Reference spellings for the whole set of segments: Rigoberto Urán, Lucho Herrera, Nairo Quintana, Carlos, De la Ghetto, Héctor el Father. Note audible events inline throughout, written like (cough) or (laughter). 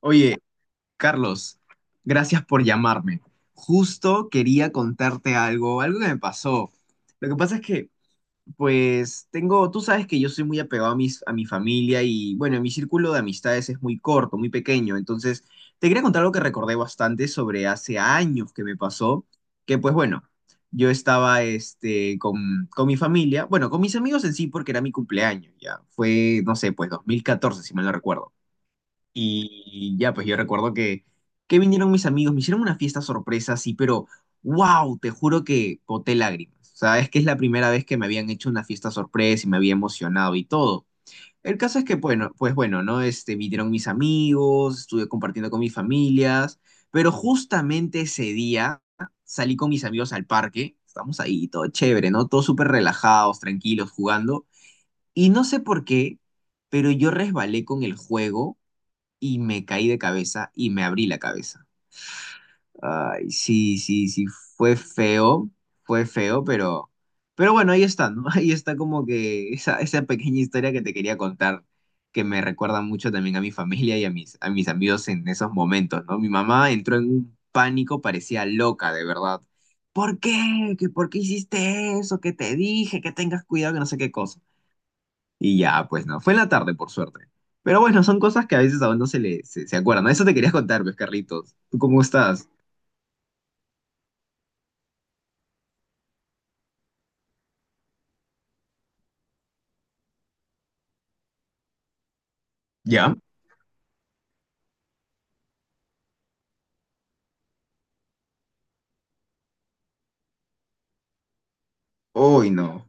Oye, Carlos, gracias por llamarme. Justo quería contarte algo que me pasó. Lo que pasa es que, pues, tengo, tú sabes que yo soy muy apegado a mi familia y, bueno, mi círculo de amistades es muy corto, muy pequeño. Entonces, te quería contar algo que recordé bastante sobre hace años que me pasó, que, pues, bueno, yo estaba, con, mi familia, bueno, con mis amigos en sí, porque era mi cumpleaños, ya. Fue, no sé, pues, 2014 si mal no recuerdo. Y ya, pues yo recuerdo que vinieron mis amigos, me hicieron una fiesta sorpresa, sí, pero wow, te juro que boté lágrimas. O sea, es que es la primera vez que me habían hecho una fiesta sorpresa y me había emocionado y todo. El caso es que, bueno, pues bueno, ¿no? Vinieron mis amigos, estuve compartiendo con mis familias, pero justamente ese día salí con mis amigos al parque, estamos ahí, todo chévere, ¿no? Todos súper relajados, tranquilos, jugando. Y no sé por qué, pero yo resbalé con el juego y me caí de cabeza y me abrí la cabeza. Ay, sí, sí, sí, fue feo, fue feo, pero, bueno, ahí está, ¿no? (laughs) Ahí está como que esa pequeña historia que te quería contar, que me recuerda mucho también a mi familia y a mis amigos en esos momentos, ¿no? Mi mamá entró en un pánico, parecía loca, de verdad. ¿Por qué? ¿Que por qué hiciste eso? ¿Que te dije? Que tengas cuidado, que no sé qué cosa. Y ya, pues no, fue en la tarde, por suerte. Pero bueno, son cosas que a veces a uno se le se, acuerdan. Eso te quería contar, pues, Carlitos. ¿Tú cómo estás? ¿Ya? Hoy no.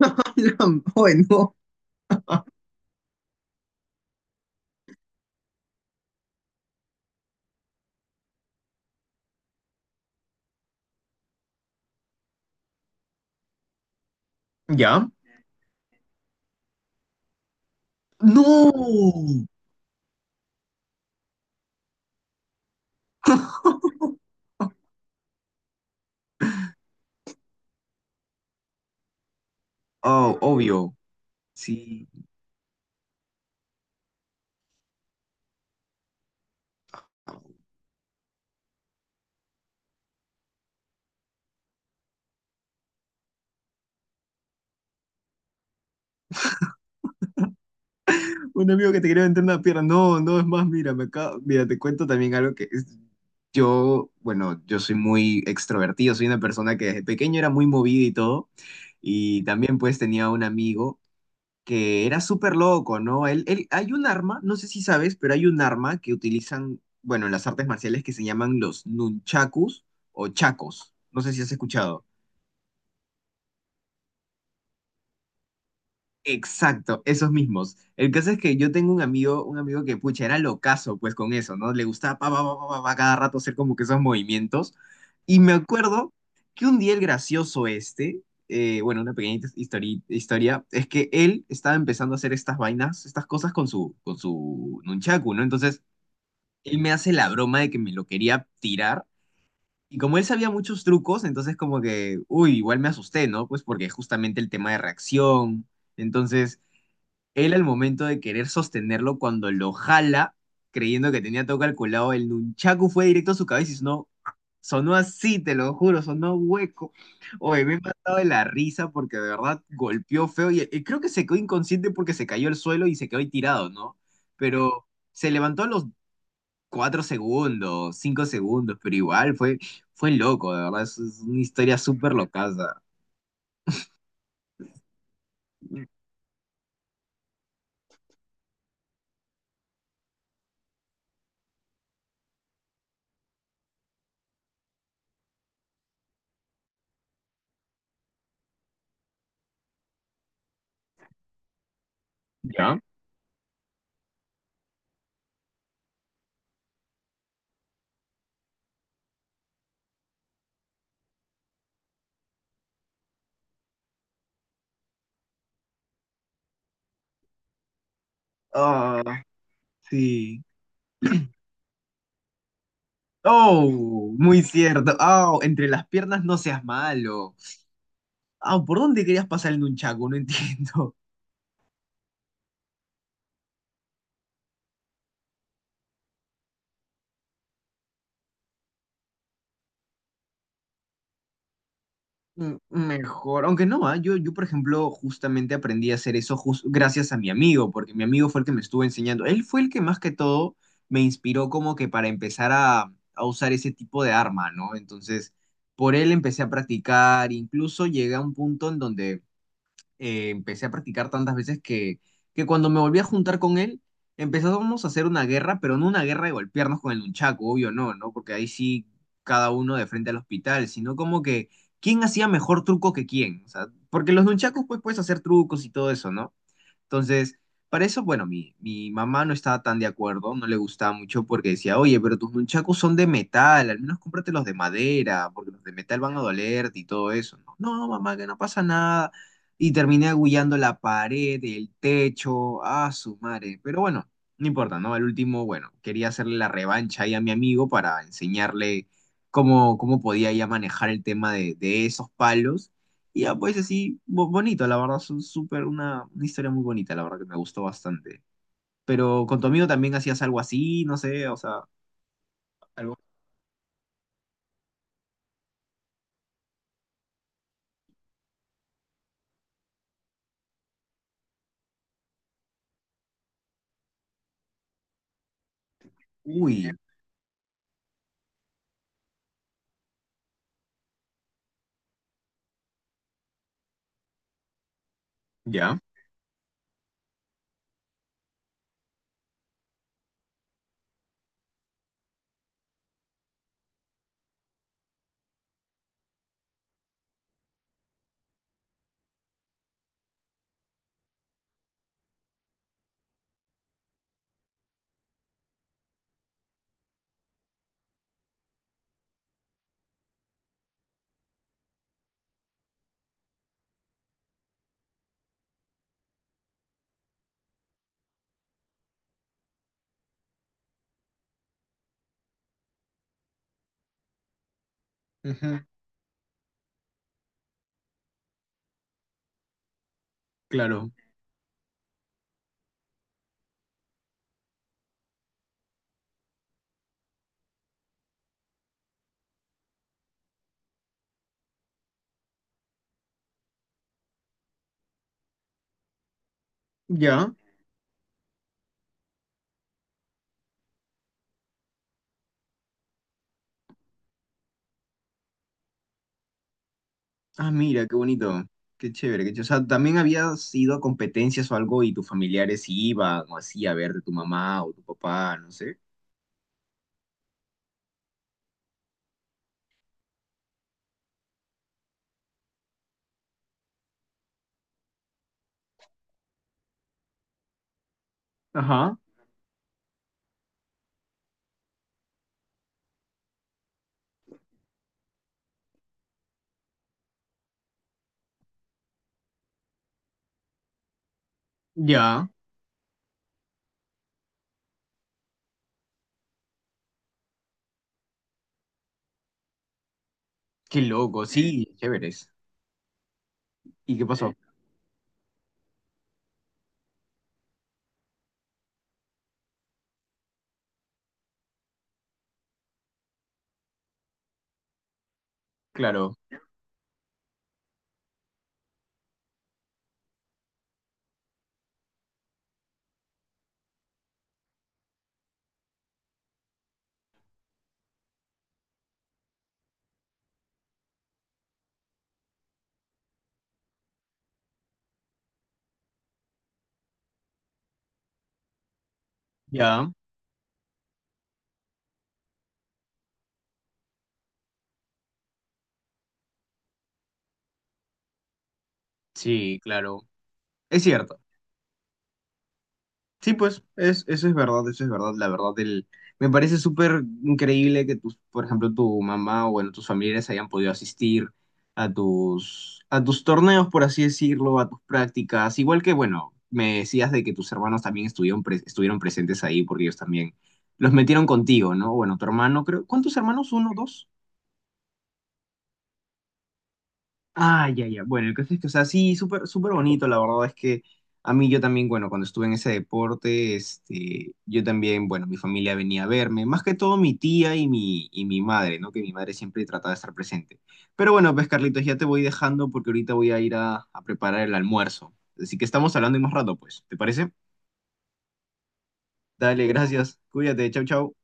(laughs) Hoy no. ¿Ya? ¡No! (laughs) Oh, obvio. Sí. Un amigo que te quería vender una pierna. No, no, es más, mira, mira, te cuento también algo que es. Yo soy muy extrovertido, soy una persona que desde pequeño era muy movida y todo. Y también pues tenía un amigo que era súper loco, ¿no? Hay un arma, no sé si sabes, pero hay un arma que utilizan, bueno, en las artes marciales que se llaman los nunchakus o chacos. No sé si has escuchado. Exacto, esos mismos. El caso es que yo tengo un amigo que, pucha, era locazo, pues, con eso, ¿no? Le gustaba pa, pa, pa, pa, pa, pa, cada rato hacer como que esos movimientos. Y me acuerdo que un día el gracioso este, bueno, una pequeñita historia, es que él estaba empezando a hacer estas vainas, estas cosas con su, nunchaku, ¿no? Entonces, él me hace la broma de que me lo quería tirar. Y como él sabía muchos trucos, entonces como que, uy, igual me asusté, ¿no? Pues porque justamente el tema de reacción. Entonces, él al momento de querer sostenerlo, cuando lo jala, creyendo que tenía todo calculado, el nunchaku fue directo a su cabeza y sonó, sonó así, te lo juro, sonó hueco. Oye, me he matado de la risa porque de verdad golpeó feo y, creo que se quedó inconsciente porque se cayó al suelo y se quedó ahí tirado, ¿no? Pero se levantó a los cuatro segundos, cinco segundos, pero igual fue, loco, de verdad, es una historia súper locaza. ¿Ya? Ah, sí. Oh, muy cierto. Oh, entre las piernas no seas malo. Ah, ¿por dónde querías pasar el un chaco? No entiendo. Mm, mejor, aunque no, yo, por ejemplo, justamente aprendí a hacer eso gracias a mi amigo, porque mi amigo fue el que me estuvo enseñando. Él fue el que más que todo me inspiró como que para empezar a, usar ese tipo de arma, ¿no? Entonces, por él empecé a practicar, incluso llegué a un punto en donde empecé a practicar tantas veces que cuando me volví a juntar con él, empezamos a hacer una guerra, pero no una guerra de golpearnos con el nunchaku, obvio no, ¿no? Porque ahí sí cada uno de frente al hospital, sino como que quién hacía mejor truco que quién, o sea, porque los nunchakus pues puedes hacer trucos y todo eso, ¿no? Entonces, para eso, bueno, mi mamá no estaba tan de acuerdo, no le gustaba mucho porque decía, oye, pero tus nunchakus son de metal, al menos cómprate los de madera, porque los de metal van a dolerte y todo eso. No, no, mamá, que no pasa nada. Y terminé agullando la pared, el techo, a su madre. Pero bueno, no importa, ¿no? Al último, bueno, quería hacerle la revancha ahí a mi amigo para enseñarle cómo, podía ya manejar el tema de esos palos. Y ya, pues así, bonito, la verdad, son súper una historia muy bonita, la verdad que me gustó bastante. Pero con tu amigo también hacías algo así, no sé, o sea, algo. Uy, ya, ujú, claro, ya. Ah, mira, qué bonito, qué chévere, qué chévere. O sea, ¿también habías ido a competencias o algo y tus familiares iban o así a ver de tu mamá o tu papá, no sé? Ajá, ya, qué loco, sí, chéveres. ¿Y qué pasó? Claro, ya, sí, claro. Es cierto. Sí, pues, eso es verdad, eso es verdad, la verdad, el, me parece súper increíble que tus, por ejemplo, tu mamá o bueno, tus familiares hayan podido asistir a tus torneos, por así decirlo, a tus prácticas, igual que, bueno, me decías de que tus hermanos también estuvieron, estuvieron presentes ahí porque ellos también los metieron contigo, ¿no? Bueno, tu hermano, creo, ¿cuántos hermanos? ¿Uno, dos? Ah, ya, ya. Bueno, el caso es que, o sea, sí, súper, súper bonito. La verdad es que a mí yo también, bueno, cuando estuve en ese deporte, yo también, bueno, mi familia venía a verme, más que todo mi tía y y mi madre, ¿no? Que mi madre siempre trataba de estar presente. Pero bueno, pues Carlitos, ya te voy dejando porque ahorita voy a ir a, preparar el almuerzo. Así que estamos hablando en más rato, pues. ¿Te parece? Dale, gracias. Cuídate. Chau, chau.